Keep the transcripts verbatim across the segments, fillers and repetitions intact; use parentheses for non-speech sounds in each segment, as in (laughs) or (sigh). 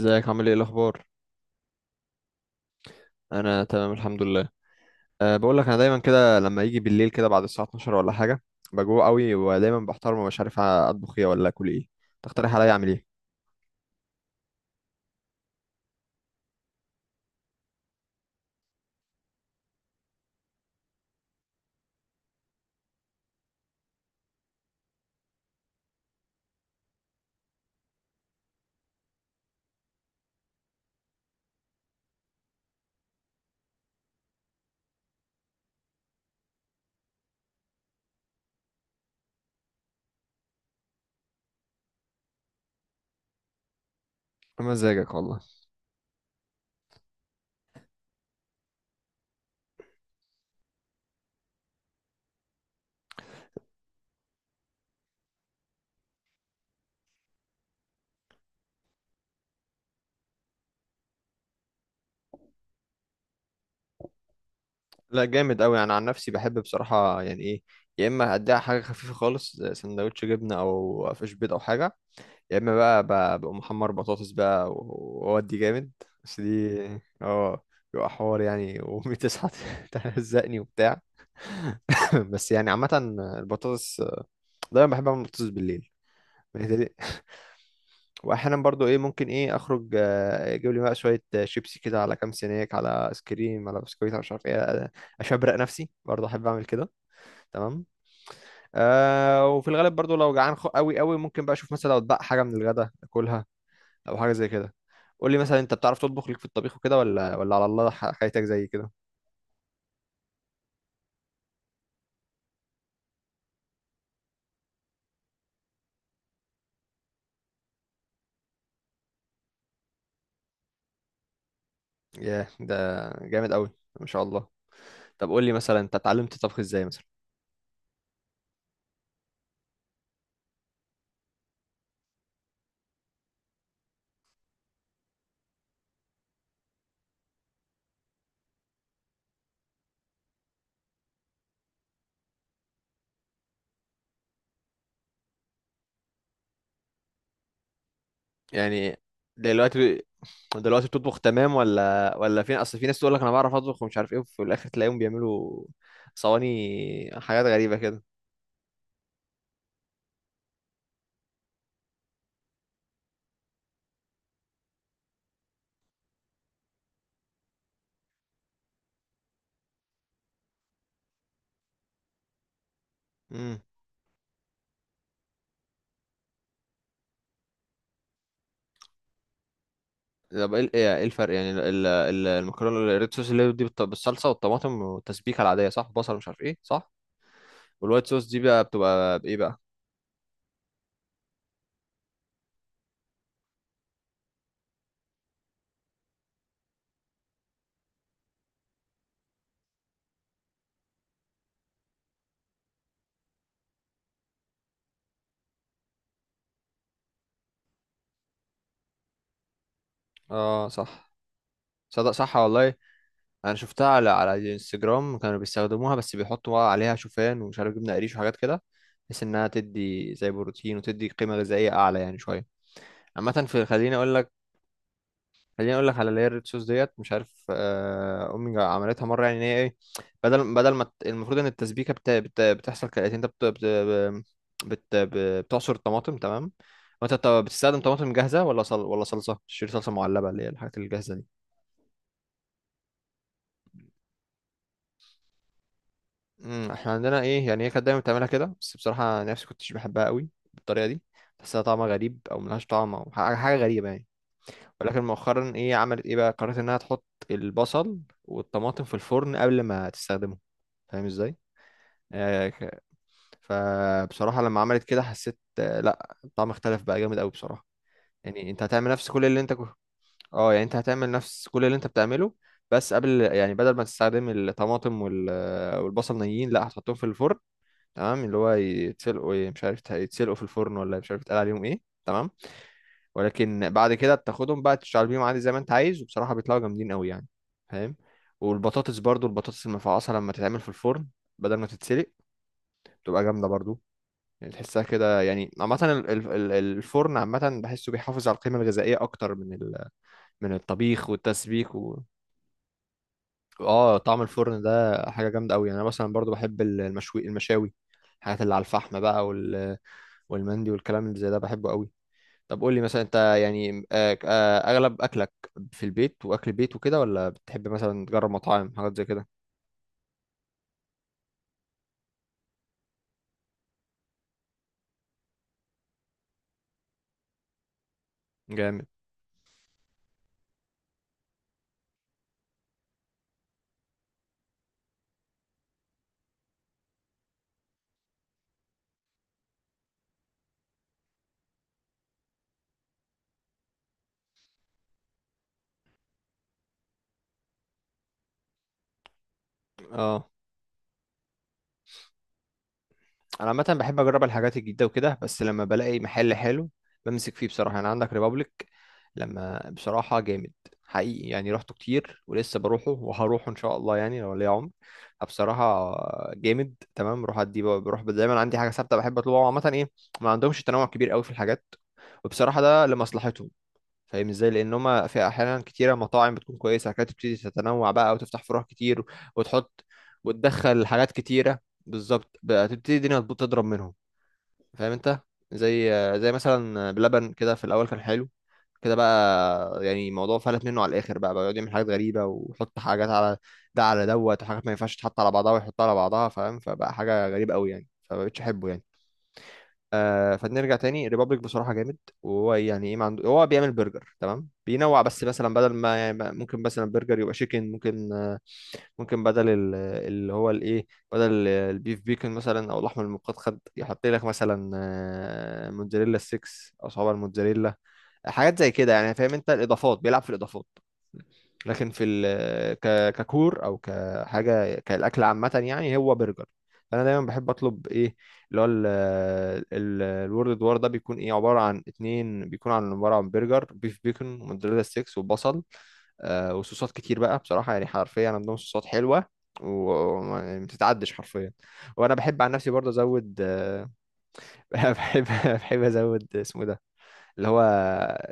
ازيك عامل ايه الاخبار؟ انا تمام الحمد لله. أه بقول لك، انا دايما كده لما يجي بالليل كده بعد الساعه اتناشر ولا حاجه بجوع قوي، ودايما بحتار ومش عارف اطبخ ايه ولا اكل ايه. تقترح عليا اعمل ايه؟ مزاجك والله. لا جامد قوي. انا عن نفسي بحب بصراحه، يعني ايه يا اما اديها حاجه خفيفه خالص زي سندوتش جبنه او فيش بيض او حاجه، يا اما بقى ب- بقوم محمر بطاطس بقى و- واودي جامد. بس دي، اه، بيبقى حوار يعني. وامي تصحى (laughs) تهزقني وبتاع. (laughs) بس يعني عامة، البطاطس، دايما بحب اعمل بطاطس بالليل بالنسبة لي. واحيانا برضو ايه، ممكن ايه اخرج آه، اجيب لي بقى شويه آه، شيبسي كده، على كام سناك، على ايس كريم، على بسكويت، على مش عارف ايه آه، اشبرق نفسي برضو، احب اعمل كده. تمام. آه وفي الغالب برضو لو جعان خ- قوي قوي، ممكن بقى اشوف مثلا لو اتبقى حاجه من الغدا اكلها او حاجه زي كده. قول لي مثلا، انت بتعرف تطبخ ليك في الطبيخ وكده ولا ولا على الله ح- حياتك زي كده؟ ياه ده جامد قوي، ما شاء الله. طب قول لي مثلا، انت اتعلمت الطبخ ازاي مثلا؟ يعني دلوقتي، دلوقتي بتطبخ تمام ولا ولا فين؟ اصل في ناس تقول لك انا بعرف اطبخ ومش عارف ايه، وفي الاخر تلاقيهم بيعملوا صواني حاجات غريبة كده. امم، طب ايه ايه إيه الفرق يعني، ال- ال- المكرونه الريد صوص اللي هي دي بالط- بالصلصه والطماطم والتسبيكه العاديه صح، بصل مش عارف ايه، صح؟ والوايت صوص دي بقى بتبقى بايه بقى؟ اه صح، صدق صح والله. انا شفتها على على الانستجرام، كانوا بيستخدموها بس بيحطوا عليها شوفان ومش عارف جبنه قريش وحاجات كده، بحيث انها تدي زي بروتين وتدي قيمه غذائيه اعلى يعني شويه. عامه في، خليني اقول لك، خليني اقول لك على اللي هي الريد صوص ديت، مش عارف آه، امي عملتها مره يعني، ان هي ايه، بدل بدل ما الت- المفروض ان التسبيكه بت... بت... بتحصل كالاتي. انت بت... بت... بت... بت- بتعصر الطماطم، تمام؟ وانت بت- بتستخدم طماطم جاهزه ولا صل... ولا صلصه؟ تشتري صلصه معلبه اللي هي الحاجات الجاهزه دي. امم، احنا عندنا ايه يعني، هي كانت دايما بتعملها كده، بس بصراحه أنا نفسي كنتش بحبها قوي بالطريقه دي. بحسها طعمها غريب او ملهاش طعم او ح- حاجه غريبه يعني. ولكن مؤخرا ايه، عملت ايه بقى، قررت انها تحط البصل والطماطم في الفرن قبل ما تستخدمه. فاهم ازاي؟ آه، ك- فبصراحه لما عملت كده حسيت آه، لا الطعم اختلف بقى جامد قوي بصراحه. يعني انت هتعمل نفس كل اللي انت كو- اه، يعني انت هتعمل نفس كل اللي انت بتعمله، بس قبل يعني، بدل ما تستخدم الطماطم وال- والبصل نيين، لا هتحطهم في الفرن، تمام؟ اللي هو يتسلقوا ايه مش عارف، يتسلقوا في الفرن ولا مش عارف يتقال عليهم ايه، تمام؟ ولكن بعد كده بتاخدهم بقى تشتغل بيهم عادي زي ما انت عايز، وبصراحة بيطلعوا جامدين قوي يعني. فاهم؟ والبطاطس برضو، البطاطس المفعصة لما تتعمل في الفرن بدل ما تتسلق، بتبقى جامدة برضو. يعني تحسها كده يعني. عامة ال- ال- ال- الفرن عامة بحسه بيحافظ على القيمة الغذائية أكتر من ال- من الطبيخ والتسبيك و... اه، طعم الفرن ده حاجة جامدة قوي يعني. أنا مثلا برضو بحب ال- المشوي، المشاوي، الحاجات اللي على الفحم بقى، وال والمندي والكلام اللي زي ده، بحبه قوي. طب قول لي مثلا انت، يعني آه، آه، اغلب اكلك في البيت واكل بيت وكده، ولا بتحب مثلا تجرب مطاعم حاجات زي كده؟ جامد. اه، انا عامه بحب اجرب الحاجات الجديده وكده، بس لما بلاقي محل حلو بمسك فيه بصراحه. يعني عندك ريبابليك، لما بصراحه جامد حقيقي يعني. رحته كتير ولسه بروحه وهروحه ان شاء الله يعني لو ليا عمر. بصراحه جامد. تمام، بروح ادي، بروح دايما عندي حاجه ثابته بحب اطلبها عامه ايه، ما عندهمش تنوع كبير قوي في الحاجات. وبصراحه ده لمصلحتهم. فاهم ازاي، لان هما في احيانا كتيره مطاعم بتكون كويسه كانت تبتدي تتنوع بقى وتفتح فروع كتير وتحط، وتدخل حاجات كتيره، بالظبط بقى تبتدي الدنيا تبوظ تضرب منهم. فاهم انت؟ زي زي مثلا بلبن كده، في الاول كان حلو، كده بقى يعني الموضوع فلت منه على الاخر بقى، بقى يقعد يعمل حاجات غريبه ويحط حاجات على ده على دوت، وحاجات ما ينفعش تتحط على بعضها ويحطها على بعضها. فاهم؟ فبقى حاجه غريبه قوي يعني، فمبقتش احبه يعني. آه، فنرجع تاني، ريبابليك بصراحة جامد. وهو يعني ايه، ما عنده هو بيعمل برجر تمام، بينوع بس مثلا، بدل ما يعني، ما- ممكن مثلا برجر يبقى شيكن، ممكن آه، ممكن بدل ال- اللي هو الايه، بدل ال- البيف بيكن مثلا او اللحم المقدد، يحط لك مثلا آه، موتزاريلا ستة، او صوابع الموتزاريلا، حاجات زي كده يعني. فاهم انت؟ الاضافات، بيلعب في الاضافات، لكن في ال، ك، ككور او كحاجه، كالاكل عامه يعني هو برجر. فانا دايما بحب اطلب ايه، اللي هو ال- ال- الورد وار، ده بيكون ايه، عباره عن اتنين، بيكون عن، عباره عن برجر بيف، بيكون وموتزاريلا ستيكس وبصل آه وصوصات كتير بقى. بصراحه يعني حرفيا عندهم صوصات حلوه وما بتتعدش حرفيا. وانا بحب عن نفسي برضه ازود آه، (laughs) بحب بحب ازود اسمه إيه ده، اللي هو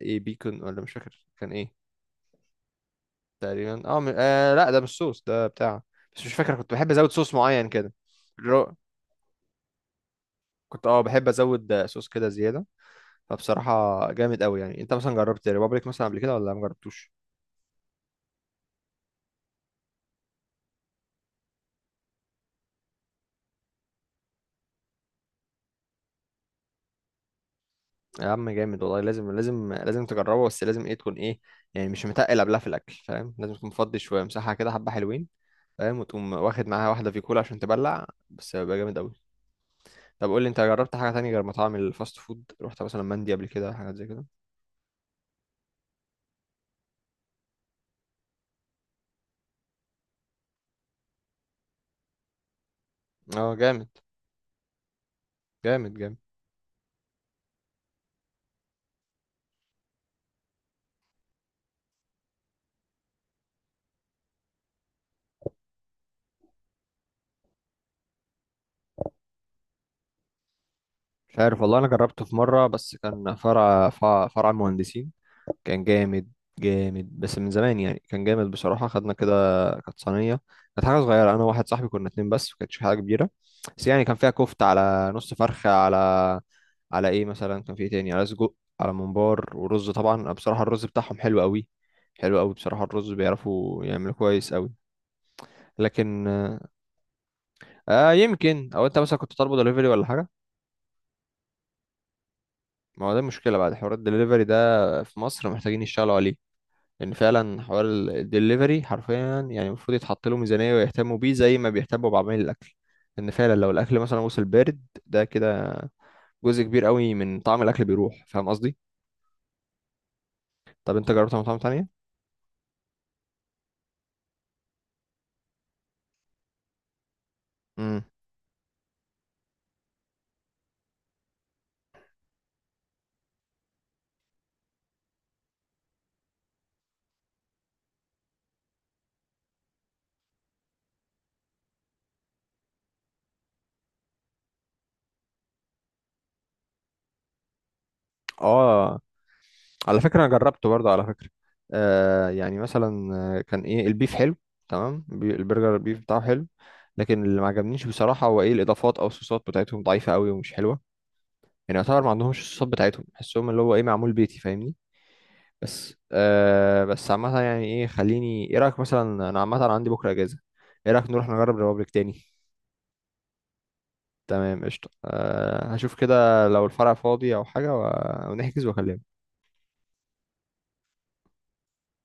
ايه، بيكون، ولا مش فاكر كان ايه. تقريبا اه، م... آه لا ده مش صوص ده بتاع، بس مش فاكر، كنت بحب ازود صوص معين كده. الرو... كنت اه بحب ازود آه، صوص كده زياده. فبصراحه جامد قوي يعني. انت مثلا جربت ريبابليك مثلا قبل كده ولا ما جربتوش؟ يا عم جامد والله، لازم لازم لازم تجربه، بس لازم ايه، تكون ايه يعني مش متقل قبلها في الاكل. فاهم؟ لازم تكون مفضي شويه، مساحه كده حبه حلوين. فاهم؟ وتقوم واخد معاها واحده في كولا عشان تبلع، بس بيبقى جامد قوي. طب قول لي، انت جربت حاجه تانية غير مطاعم الفاست فود؟ رحت مثلا مندي قبل كده، حاجات زي كده؟ اه جامد جامد جامد. مش عارف والله، انا جربته في مره بس، كان فرع فرع, فرع المهندسين، كان جامد. جامد بس من زمان يعني، كان جامد بصراحه. خدنا كده كانت صينيه، كانت حاجه صغيره، انا وواحد صاحبي كنا اتنين بس، ما كانتش حاجه كبيره. بس يعني كان فيها كفته، على نص فرخه، على على ايه مثلا، كان فيه إيه تاني، على سجق، على ممبار ورز. طبعا أنا بصراحه الرز بتاعهم حلو قوي، حلو قوي بصراحه. الرز بيعرفوا يعملوا كويس قوي. لكن آه، يمكن، او انت مثلا كنت طالبه دليفري ولا حاجه. ما هو ده المشكلة، بعد حوار الدليفري ده في مصر محتاجين يشتغلوا عليه. لأن فعلا حوار الدليفري حرفيا يعني المفروض يتحط له ميزانية ويهتموا بيه زي ما بيهتموا بعمل الأكل، لأن فعلا لو الأكل مثلا وصل بارد، ده كده جزء كبير قوي من طعم الأكل بيروح. فاهم قصدي؟ طب أنت جربت مطاعم تانية؟ امم، آه، على فكرة أنا جربته برضه على فكرة. آه يعني مثلا آه، كان إيه، البيف حلو، تمام. بي- البرجر البيف بتاعه حلو، لكن اللي ما عجبنيش بصراحة هو إيه، الإضافات أو الصوصات بتاعتهم ضعيفة قوي ومش حلوة. يعني يعتبر ما عندهمش، الصوت بتاعتهم بحسهم اللي هو ايه معمول بيتي. فاهمني؟ بس آه، بس عامة يعني ايه، خليني ايه رأيك مثلا، انا عامة عندي بكرة اجازة، ايه رأيك نروح نجرب ريبابليك تاني؟ تمام قشطة، آه هشوف كده لو الفرع فاضي او حاجة و- ونحجز واكلمك.